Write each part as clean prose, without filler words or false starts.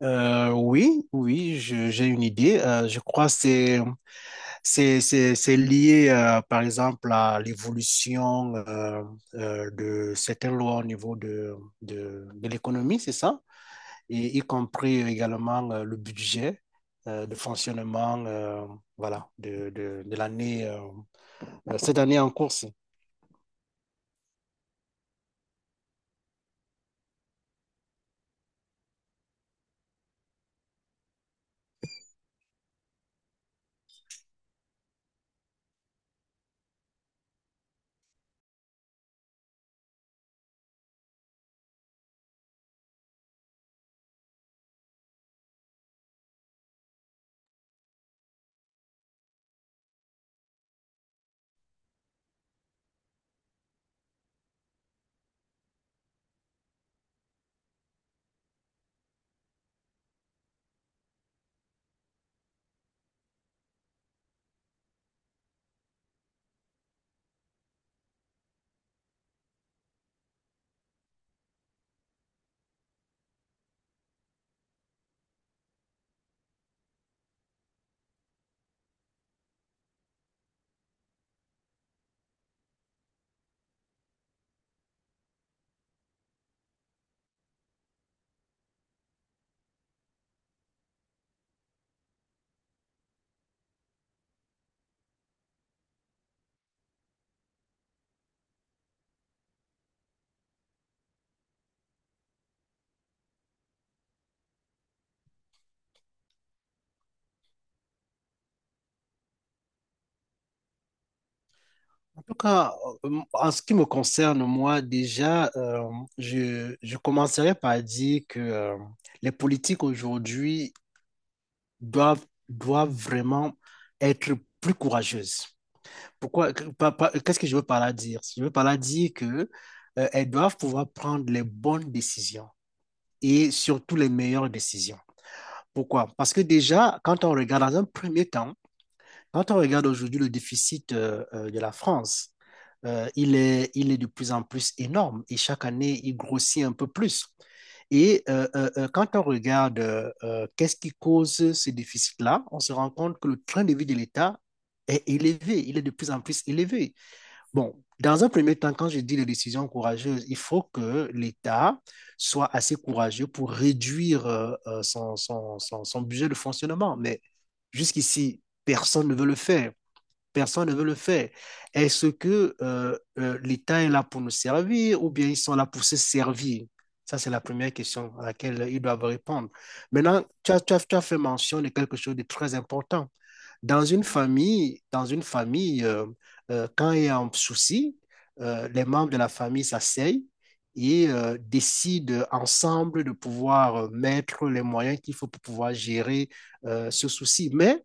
Oui, oui, j'ai une idée. Je crois que c'est lié, par exemple, à l'évolution de certaines lois au niveau de l'économie, c'est ça? Et y compris également le budget de fonctionnement, voilà, de l'année cette année en cours. Tout cas, en ce qui me concerne, moi, déjà, je commencerai par dire que les politiques aujourd'hui doivent vraiment être plus courageuses. Pourquoi, qu'est-ce que je veux par là dire? Je veux par là dire que, elles doivent pouvoir prendre les bonnes décisions et surtout les meilleures décisions. Pourquoi? Parce que déjà, quand on regarde dans un premier temps, quand on regarde aujourd'hui le déficit de la France, il est de plus en plus énorme et chaque année, il grossit un peu plus. Et quand on regarde qu'est-ce qui cause ce déficit-là, on se rend compte que le train de vie de l'État est élevé, il est de plus en plus élevé. Bon, dans un premier temps, quand je dis les décisions courageuses, il faut que l'État soit assez courageux pour réduire son budget de fonctionnement. Mais jusqu'ici, personne ne veut le faire. Personne ne veut le faire. Est-ce que l'État est là pour nous servir ou bien ils sont là pour se servir? Ça, c'est la première question à laquelle ils doivent répondre. Maintenant, tu as fait mention de quelque chose de très important. Dans une famille quand il y a un souci, les membres de la famille s'asseyent et décident ensemble de pouvoir mettre les moyens qu'il faut pour pouvoir gérer ce souci. Mais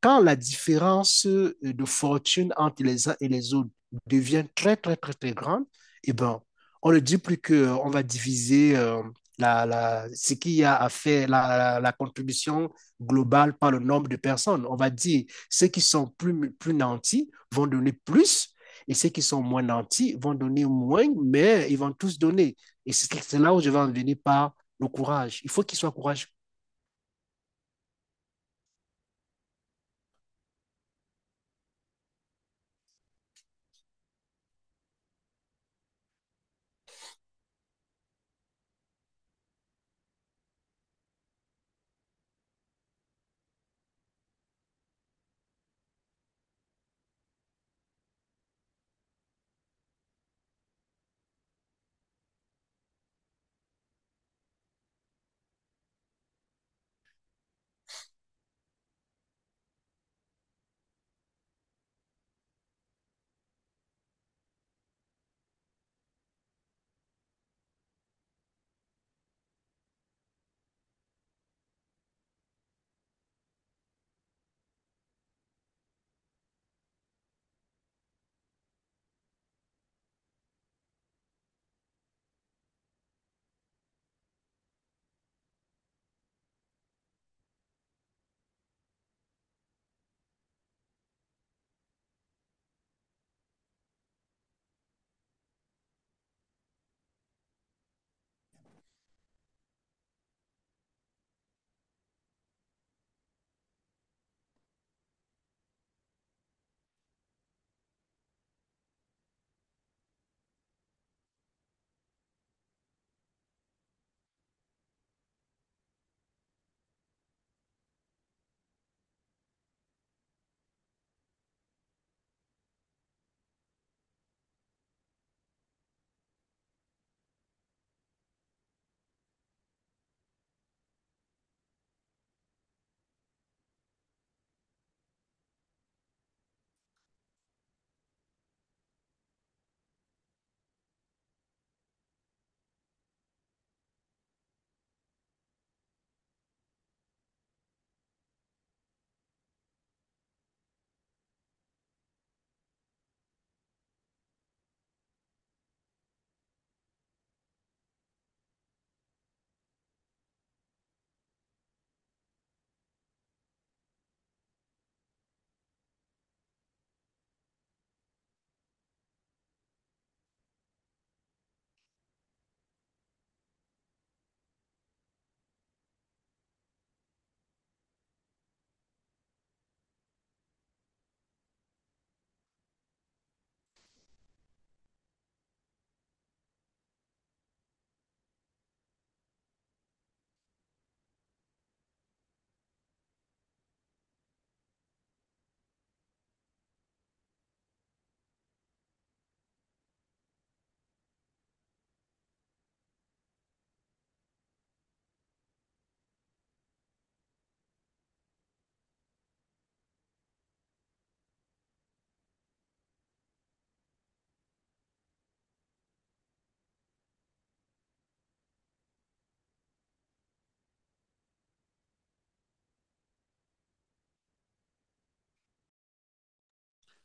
quand la différence de fortune entre les uns et les autres devient très, très, très, très grande, eh ben, on ne dit plus qu'on va diviser ce qu'il y a à faire, la contribution globale par le nombre de personnes. On va dire ceux qui sont plus, plus nantis vont donner plus et ceux qui sont moins nantis vont donner moins, mais ils vont tous donner. Et c'est là où je vais en venir par le courage. Il faut qu'il soit courage.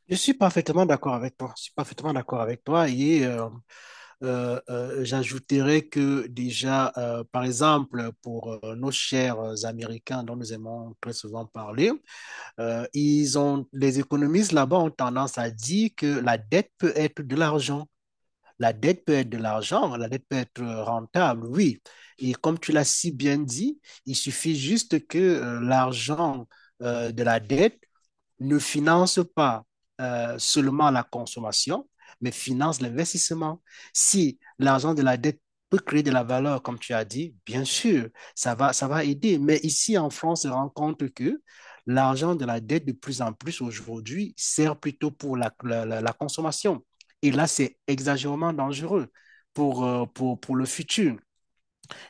Je suis parfaitement d'accord avec toi. Je suis parfaitement d'accord avec toi. Et j'ajouterais que déjà, par exemple, pour nos chers Américains dont nous aimons très souvent parler, les économistes là-bas ont tendance à dire que la dette peut être de l'argent. La dette peut être de l'argent, la dette peut être rentable, oui. Et comme tu l'as si bien dit, il suffit juste que l'argent de la dette ne finance pas seulement la consommation, mais finance l'investissement. Si l'argent de la dette peut créer de la valeur, comme tu as dit, bien sûr, ça va aider. Mais ici, en France, on se rend compte que l'argent de la dette, de plus en plus aujourd'hui, sert plutôt pour la consommation. Et là, c'est exagérément dangereux pour, pour le futur.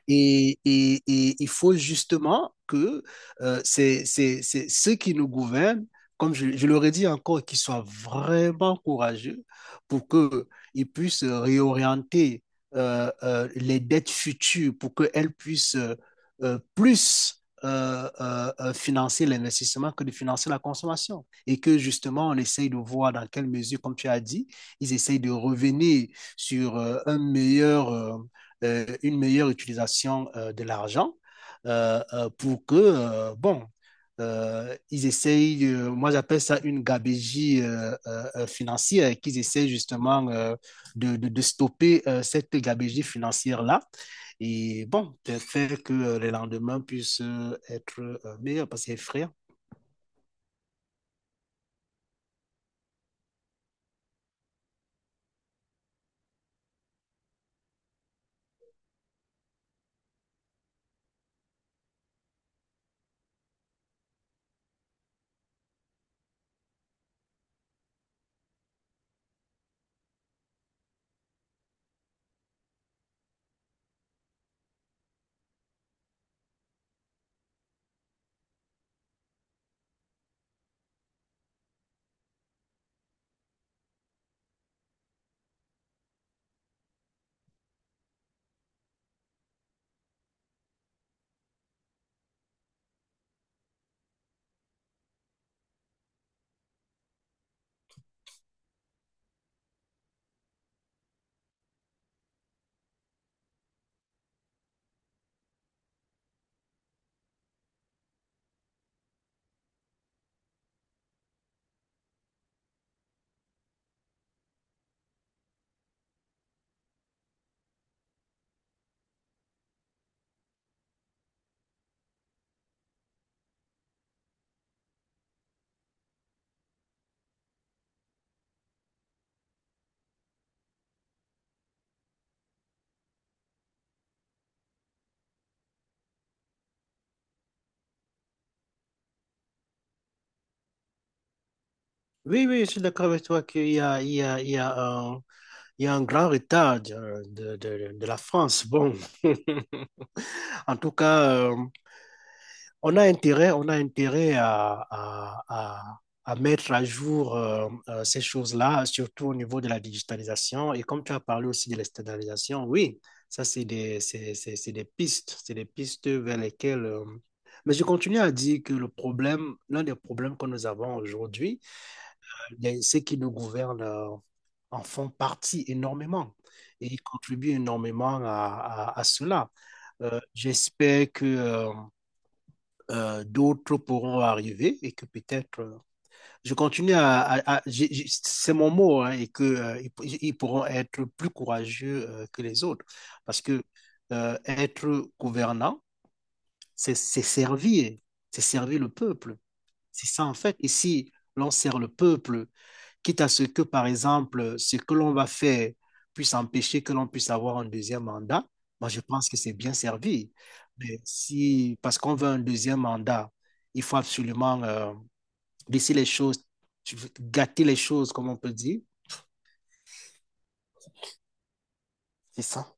Et il faut justement que c'est ceux qui nous gouvernent, comme je leur ai dit encore, qu'ils soient vraiment courageux pour qu'ils puissent réorienter les dettes futures, pour qu'elles puissent plus financer l'investissement que de financer la consommation. Et que justement, on essaye de voir dans quelle mesure, comme tu as dit, ils essayent de revenir sur un meilleur une meilleure utilisation de l'argent pour que, bon, ils essayent, moi j'appelle ça une gabégie financière, qu'ils essayent justement stopper cette gabégie financière-là et bon, faire que les lendemains puissent être meilleurs parce que frère, oui, oui, je suis d'accord avec toi qu'il y a, il y a un grand retard de la France. Bon, en tout cas, on a intérêt à mettre à jour ces choses-là, surtout au niveau de la digitalisation. Et comme tu as parlé aussi de l'externalisation, oui, ça, c'est des pistes vers lesquelles mais je continue à dire que le problème, l'un des problèmes que nous avons aujourd'hui, ceux qui nous gouvernent en font partie énormément et ils contribuent énormément à cela. J'espère que d'autres pourront arriver et que peut-être je continue à c'est mon mot hein, et que ils pourront être plus courageux que les autres parce que être gouvernant c'est servir, c'est servir le peuple, c'est ça en fait. Et si l'on sert le peuple, quitte à ce que, par exemple, ce que l'on va faire puisse empêcher que l'on puisse avoir un deuxième mandat, moi, je pense que c'est bien servi. Mais si, parce qu'on veut un deuxième mandat, il faut absolument laisser les choses, gâter les choses, comme on peut dire. C'est ça.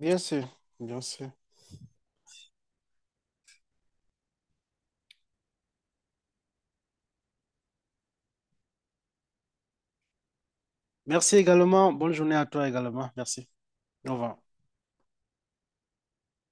Bien sûr, bien sûr. Merci également. Bonne journée à toi également. Merci. Au revoir.